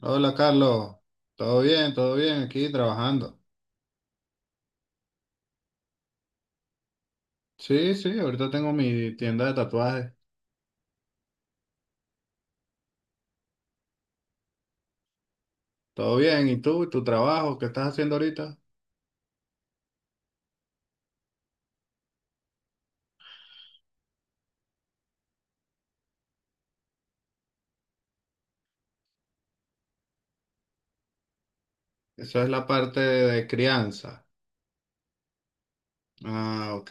Hola Carlos, todo bien, aquí trabajando. Sí, sí, ahorita tengo mi tienda de tatuajes. Todo bien, ¿y tú, tu trabajo, qué estás haciendo ahorita? Eso es la parte de crianza. Ah, ok.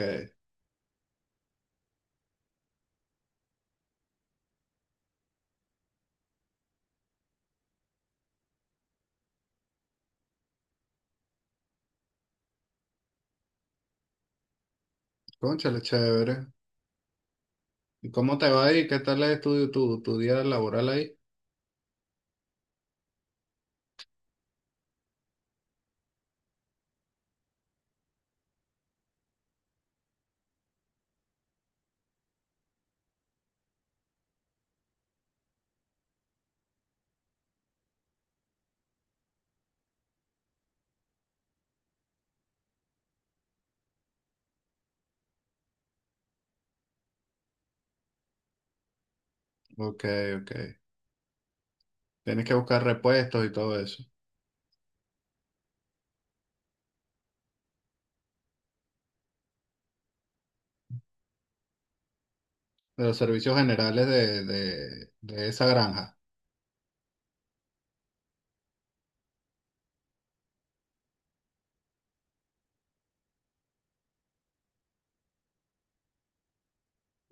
Cónchale, chévere. ¿Y cómo te va ahí? ¿Qué tal es tu, tu día laboral ahí? Ok, ok. Tienes que buscar repuestos y todo eso. De los servicios generales de esa granja.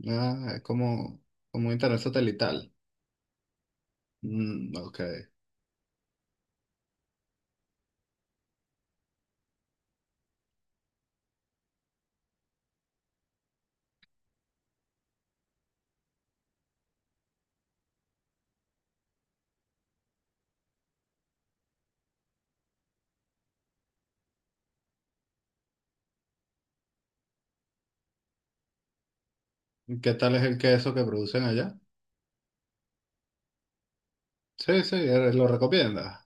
Ah, es como, como un internet satelital. Mm, ok. ¿Qué tal es el queso que producen allá? Sí, sí, lo recomiendas.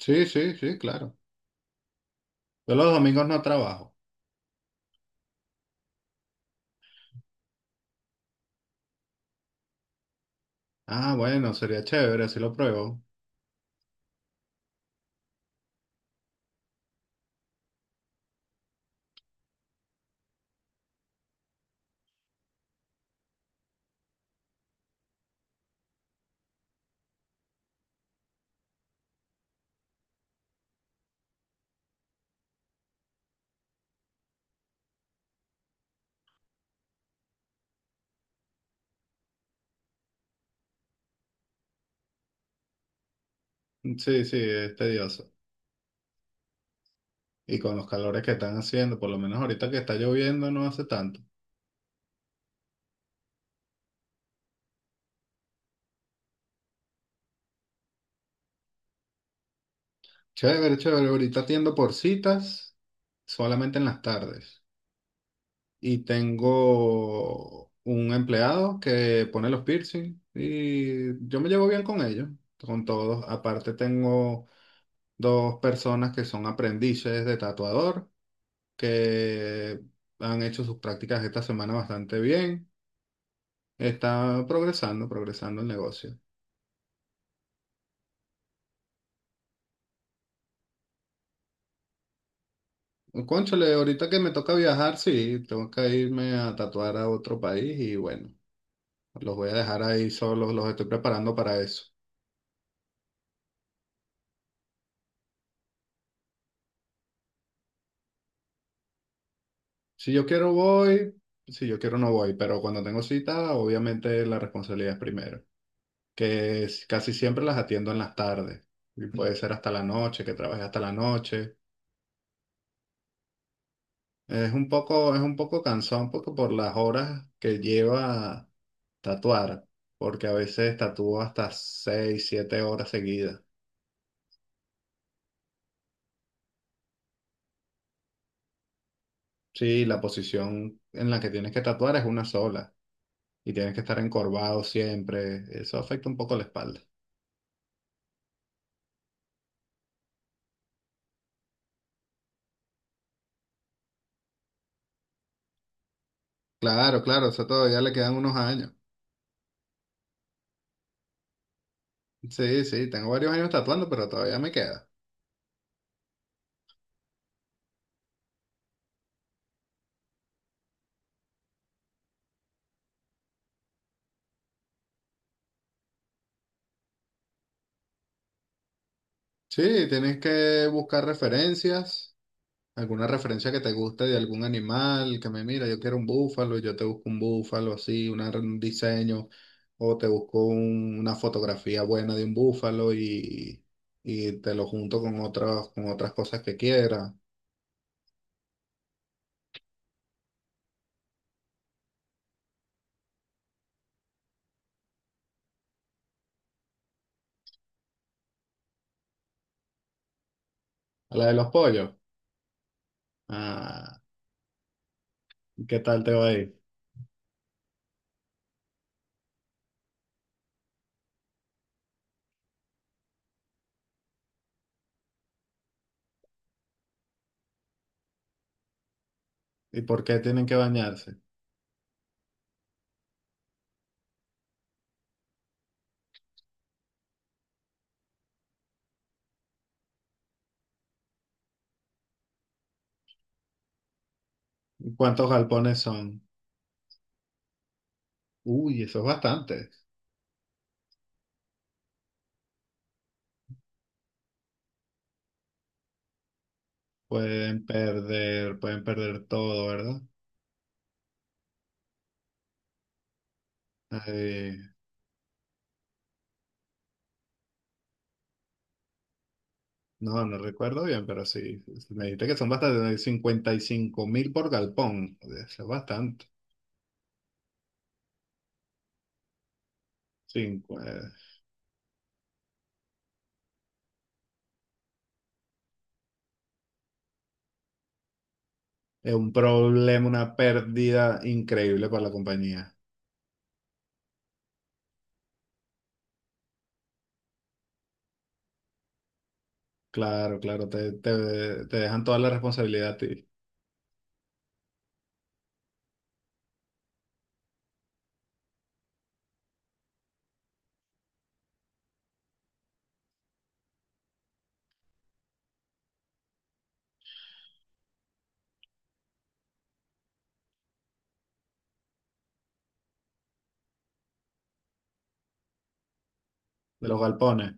Sí, sí, sí, claro. Yo los domingos no trabajo. Ah, bueno, sería chévere, así lo pruebo. Sí, sí, es tedioso. Y con los calores que están haciendo, por lo menos ahorita que está lloviendo no hace tanto. Chévere, chévere. Ahorita atiendo por citas solamente en las tardes. Y tengo un empleado que pone los piercing y yo me llevo bien con ellos, con todos. Aparte tengo dos personas que son aprendices de tatuador, que han hecho sus prácticas esta semana bastante bien. Está progresando, progresando el negocio. Cónchale, ahorita que me toca viajar, sí, tengo que irme a tatuar a otro país y bueno, los voy a dejar ahí solos, los estoy preparando para eso. Si yo quiero voy, si yo quiero no voy, pero cuando tengo cita, obviamente la responsabilidad es primero, casi siempre las atiendo en las tardes y puede ser hasta la noche, que trabaje hasta la noche. Es un poco cansado, un poco por las horas que lleva tatuar, porque a veces tatúo hasta 6 7 horas seguidas. Sí, la posición en la que tienes que tatuar es una sola y tienes que estar encorvado siempre. Eso afecta un poco la espalda. Claro, claro, eso todavía le quedan unos años. Sí, sí, tengo varios años tatuando, pero todavía me queda. Sí, tienes que buscar referencias. ¿Alguna referencia que te guste de algún animal? Que me mira, yo quiero un búfalo, y yo te busco un búfalo así, un diseño, o te busco una fotografía buena de un búfalo y te lo junto con otras cosas que quieras. ¿A la de los pollos? Ah, ¿qué tal te va a ir? ¿Y por qué tienen que bañarse? ¿Cuántos galpones son? Uy, eso es bastante. Pueden perder todo, ¿verdad? No, no recuerdo bien, pero sí. Me dijiste que son bastante, 55 mil por galpón. Eso es bastante. Cinco, eh, es un problema, una pérdida increíble para la compañía. Claro, claro, te dejan toda la responsabilidad a ti de los galpones.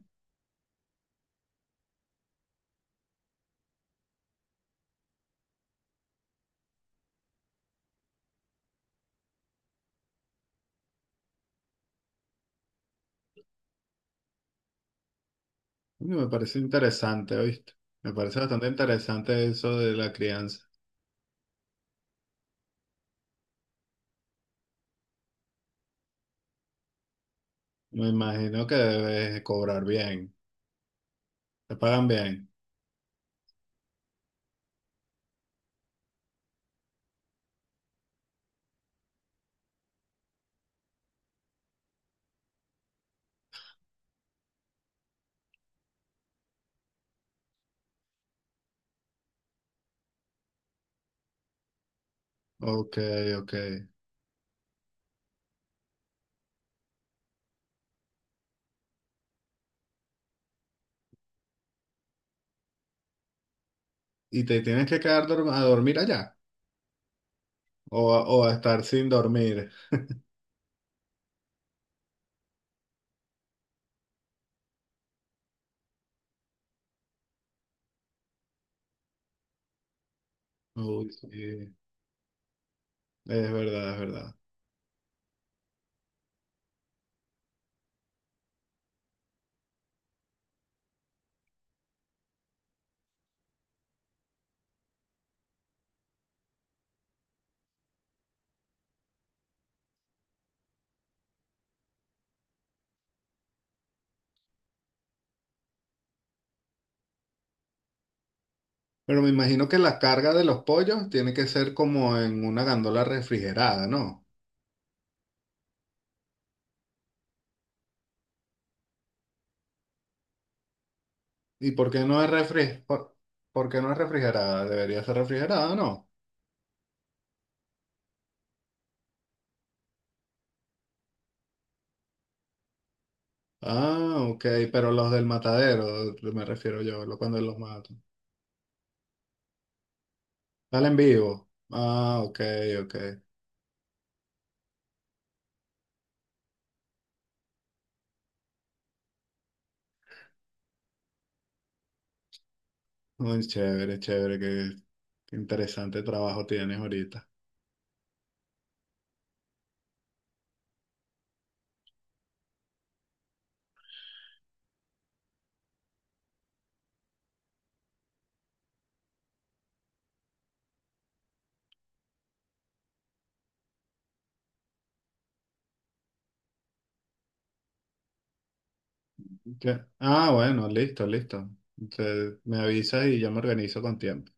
Coño, me parece interesante, ¿oíste? Me parece bastante interesante eso de la crianza. Me imagino que debes cobrar bien. Te pagan bien. Ok, ok. ¿Y te tienes que quedar a dormir allá? O a estar sin dormir. Uy, sí, es verdad, es verdad. Pero me imagino que la carga de los pollos tiene que ser como en una gandola refrigerada, ¿no? ¿Y por qué no es por qué no es refrigerada? Debería ser refrigerada, ¿no? Ah, ok, pero los del matadero, me refiero yo, cuando los mato. Salen vivos. Ah, ok, ok. Muy chévere, chévere, qué qué interesante trabajo tienes ahorita. Ya. Ah, bueno, listo, listo. Me avisas y yo me organizo con tiempo.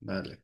Dale.